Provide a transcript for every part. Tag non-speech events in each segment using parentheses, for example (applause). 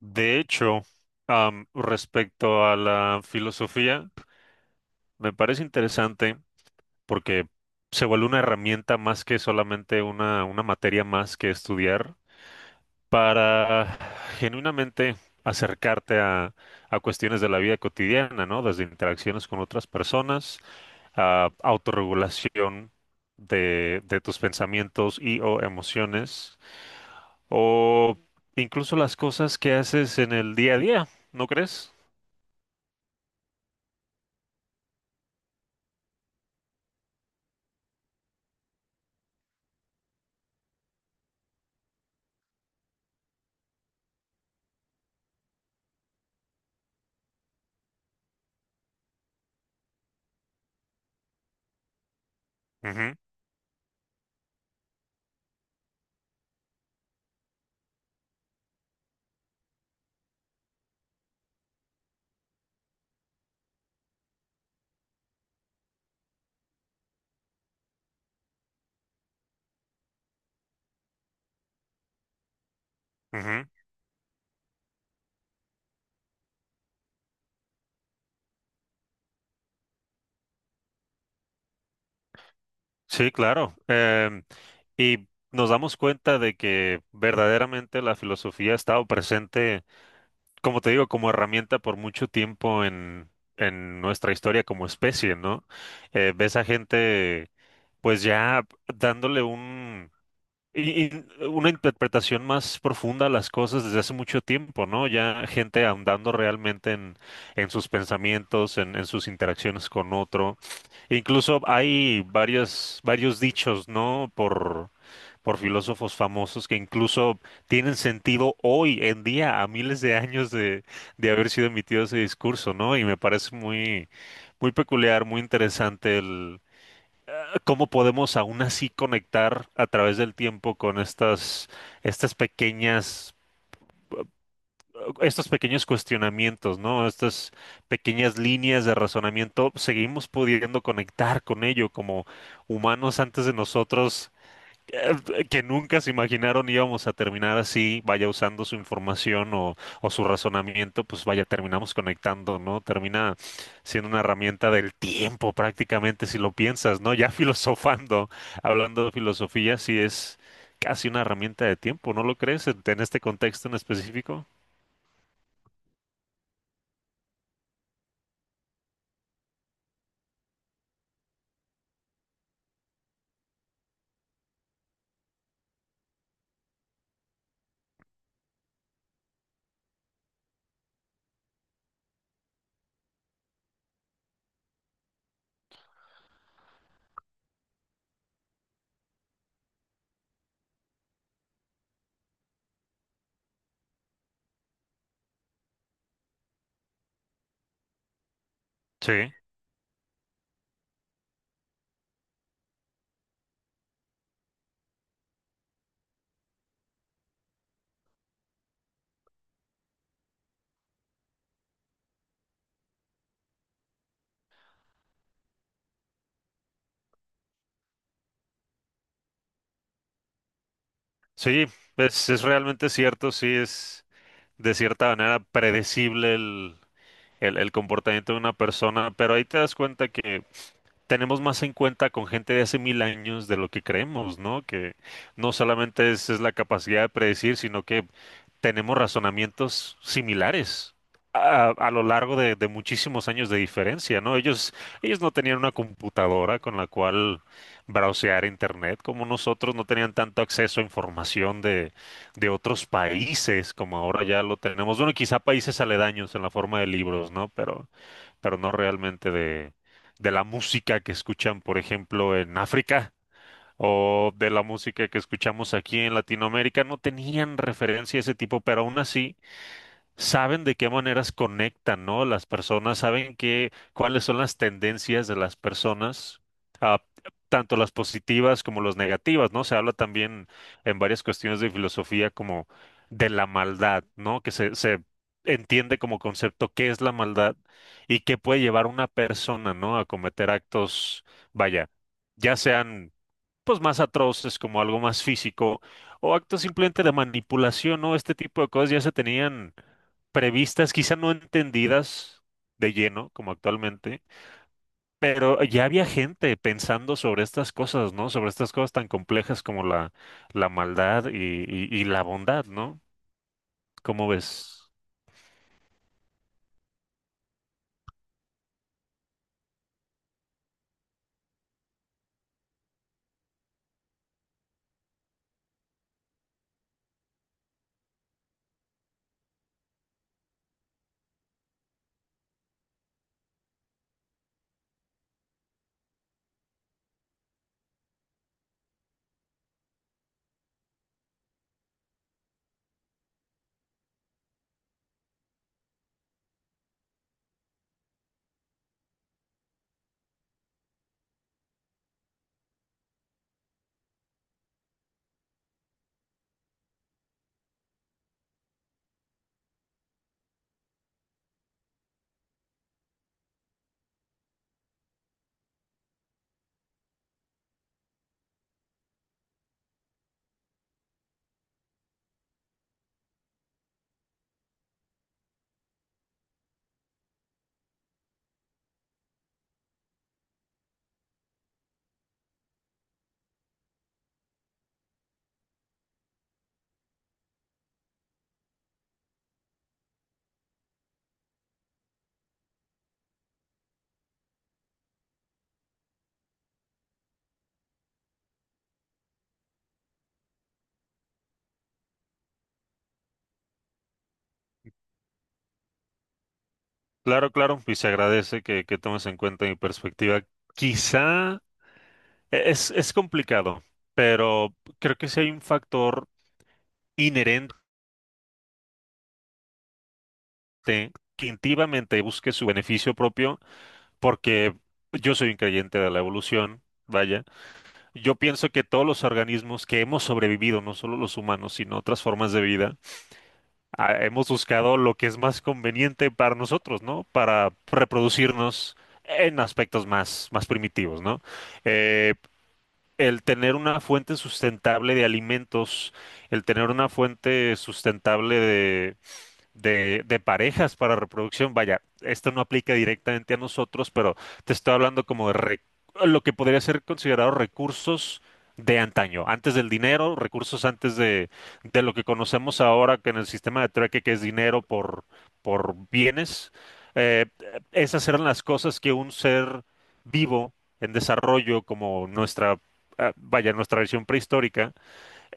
De hecho, respecto a la filosofía, me parece interesante porque se vuelve una herramienta más que solamente una materia más que estudiar para genuinamente acercarte a cuestiones de la vida cotidiana, ¿no? Desde interacciones con otras personas, a autorregulación de tus pensamientos y o emociones, o incluso las cosas que haces en el día a día, ¿no crees? Ujú. Ujú. Sí, claro. Y nos damos cuenta de que verdaderamente la filosofía ha estado presente, como te digo, como herramienta por mucho tiempo en nuestra historia como especie, ¿no? Ves a gente, pues ya dándole un, y una interpretación más profunda a las cosas desde hace mucho tiempo, ¿no? Ya gente ahondando realmente en sus pensamientos, en sus interacciones con otro. Incluso hay varios dichos, ¿no? Por filósofos famosos que incluso tienen sentido hoy en día, a miles de años de haber sido emitido ese discurso, ¿no? Y me parece muy peculiar, muy interesante el cómo podemos aún así conectar a través del tiempo con estas, estas pequeñas estos pequeños cuestionamientos, ¿no? Estas pequeñas líneas de razonamiento, seguimos pudiendo conectar con ello como humanos antes de nosotros que nunca se imaginaron íbamos a terminar así, vaya usando su información o su razonamiento, pues vaya, terminamos conectando, ¿no? Termina siendo una herramienta del tiempo prácticamente, si lo piensas, ¿no? Ya (laughs) filosofando, hablando de filosofía, sí es casi una herramienta de tiempo, ¿no lo crees en este contexto en específico? Sí. Sí, es realmente cierto, sí es de cierta manera predecible el comportamiento de una persona, pero ahí te das cuenta que tenemos más en cuenta con gente de hace 1.000 años de lo que creemos, ¿no? Que no solamente es la capacidad de predecir, sino que tenemos razonamientos similares a lo largo de muchísimos años de diferencia, ¿no? Ellos no tenían una computadora con la cual browsear internet como nosotros, no tenían tanto acceso a información de otros países como ahora ya lo tenemos. Bueno, quizá países aledaños en la forma de libros, ¿no? Pero no realmente de la música que escuchan, por ejemplo, en África o de la música que escuchamos aquí en Latinoamérica, no tenían referencia a ese tipo, pero aún así saben de qué maneras conectan, ¿no? Las personas saben qué, cuáles son las tendencias de las personas, ah, tanto las positivas como las negativas, ¿no? Se habla también en varias cuestiones de filosofía como de la maldad, ¿no? Que se entiende como concepto qué es la maldad y qué puede llevar a una persona, ¿no? A cometer actos, vaya ya sean pues más atroces, como algo más físico, o actos simplemente de manipulación, ¿no? Este tipo de cosas ya se tenían previstas, quizá no entendidas de lleno, como actualmente, pero ya había gente pensando sobre estas cosas, ¿no? Sobre estas cosas tan complejas como la maldad y la bondad, ¿no? ¿Cómo ves? Claro, claro, y se agradece que tomes en cuenta mi perspectiva. Quizá es complicado, pero creo que sí hay un factor inherente que activamente busque su beneficio propio, porque yo soy un creyente de la evolución, vaya. Yo pienso que todos los organismos que hemos sobrevivido, no solo los humanos, sino otras formas de vida, hemos buscado lo que es más conveniente para nosotros, ¿no? Para reproducirnos en aspectos más primitivos, ¿no? Eh, El tener una fuente sustentable de alimentos, el tener una fuente sustentable de parejas para reproducción. Vaya, esto no aplica directamente a nosotros, pero te estoy hablando como lo que podría ser considerado recursos de antaño, antes del dinero, recursos antes de lo que conocemos ahora que en el sistema de trueque, que es dinero por bienes. Eh, esas eran las cosas que un ser vivo en desarrollo, como nuestra versión prehistórica,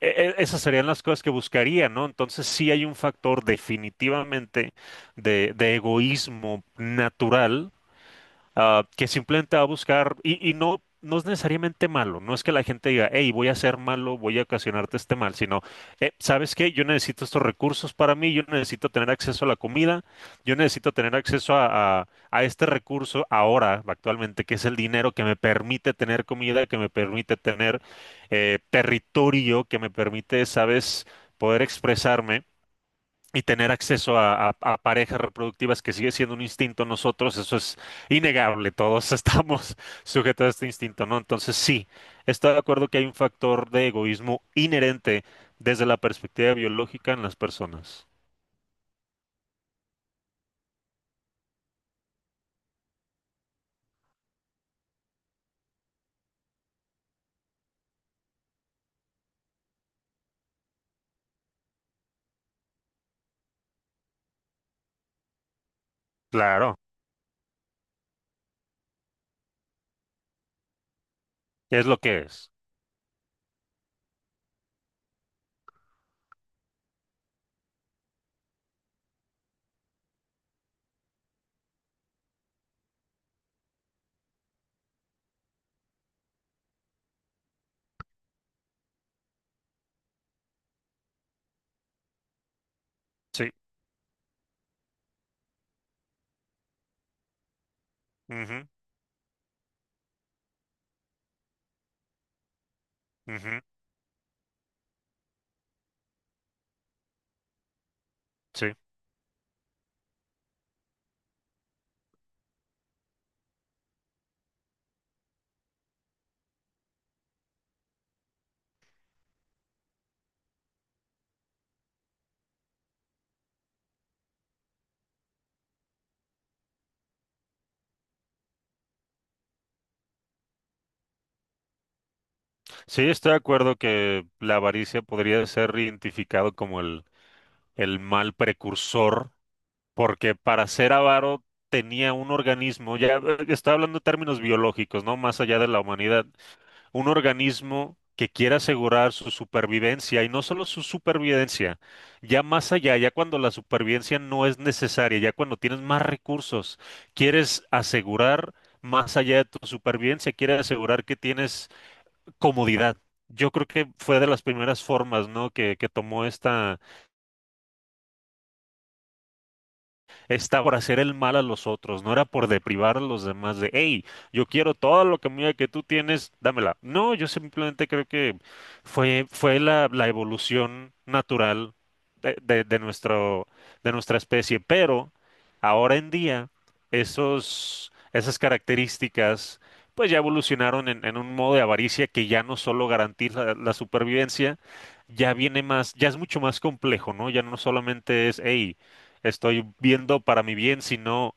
esas serían las cosas que buscaría, ¿no? Entonces sí hay un factor definitivamente de egoísmo natural que simplemente va a buscar, y no, no es necesariamente malo, no es que la gente diga, hey, voy a ser malo, voy a ocasionarte este mal, sino, ¿sabes qué? Yo necesito estos recursos para mí, yo necesito tener acceso a la comida, yo necesito tener acceso a, a este recurso ahora, actualmente, que es el dinero que me permite tener comida, que me permite tener territorio, que me permite, ¿sabes? Poder expresarme y tener acceso a, a parejas reproductivas que sigue siendo un instinto en nosotros, eso es innegable, todos (laughs) estamos sujetos a este instinto, ¿no? Entonces sí, estoy de acuerdo que hay un factor de egoísmo inherente desde la perspectiva biológica en las personas. Claro, es lo que es. Sí. Ujú. Ujú. Sí. Sí, estoy de acuerdo que la avaricia podría ser identificado como el mal precursor porque para ser avaro tenía un organismo, ya está hablando en términos biológicos, ¿no? Más allá de la humanidad, un organismo que quiere asegurar su supervivencia y no solo su supervivencia, ya más allá, ya cuando la supervivencia no es necesaria, ya cuando tienes más recursos, quieres asegurar más allá de tu supervivencia, quieres asegurar que tienes comodidad. Yo creo que fue de las primeras formas, ¿no? Que tomó esta está por hacer el mal a los otros, no era por deprivar a los demás de, hey, yo quiero todo lo que mira que tú tienes, dámela. No, yo simplemente creo que fue la evolución natural de nuestro, de nuestra especie, pero ahora en día esas características pues ya evolucionaron en un modo de avaricia que ya no solo garantiza la supervivencia, ya viene más, ya es mucho más complejo, ¿no? Ya no solamente es, hey, estoy viendo para mi bien, sino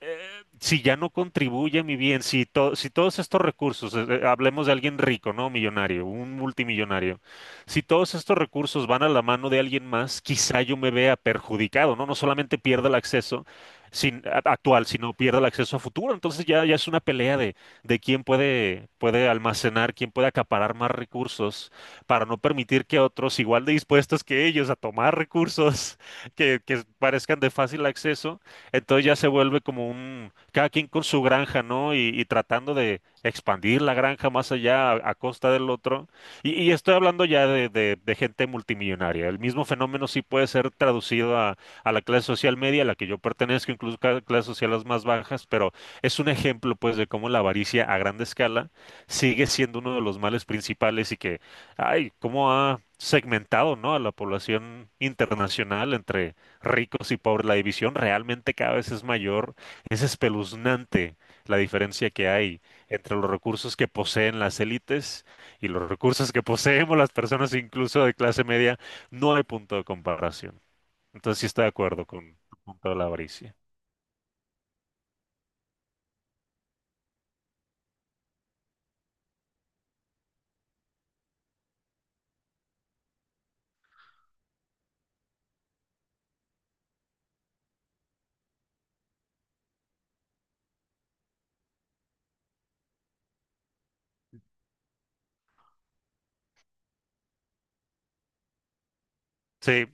eh, si ya no contribuye mi bien, si todos estos recursos, hablemos de alguien rico, ¿no? Millonario, un multimillonario, si todos estos recursos van a la mano de alguien más, quizá yo me vea perjudicado, ¿no? No solamente pierda el acceso sin, a- actual, sino pierda el acceso a futuro. Entonces ya es una pelea de quién puede, puede almacenar, quién puede acaparar más recursos para no permitir que otros, igual de dispuestos que ellos a tomar recursos (laughs) que parezcan de fácil acceso, entonces ya se vuelve como un, cada quien con su granja, ¿no? Y tratando de expandir la granja más allá a costa del otro. Y estoy hablando ya de, de gente multimillonaria. El mismo fenómeno sí puede ser traducido a la clase social media, a la que yo pertenezco, incluso a clases sociales más bajas, pero es un ejemplo, pues, de cómo la avaricia a grande escala sigue siendo uno de los males principales y que, ay, cómo ha segmentado, ¿no? a la población internacional entre ricos y pobres. La división realmente cada vez es mayor. Es espeluznante la diferencia que hay entre los recursos que poseen las élites y los recursos que (laughs) poseemos las personas incluso de clase media. No hay punto de comparación. Entonces sí estoy de acuerdo con tu punto de la avaricia. Sí,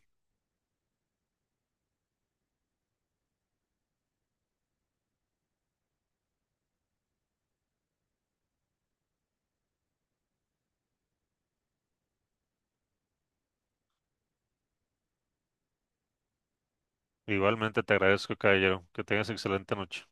igualmente te agradezco, caballero. Que tengas excelente noche.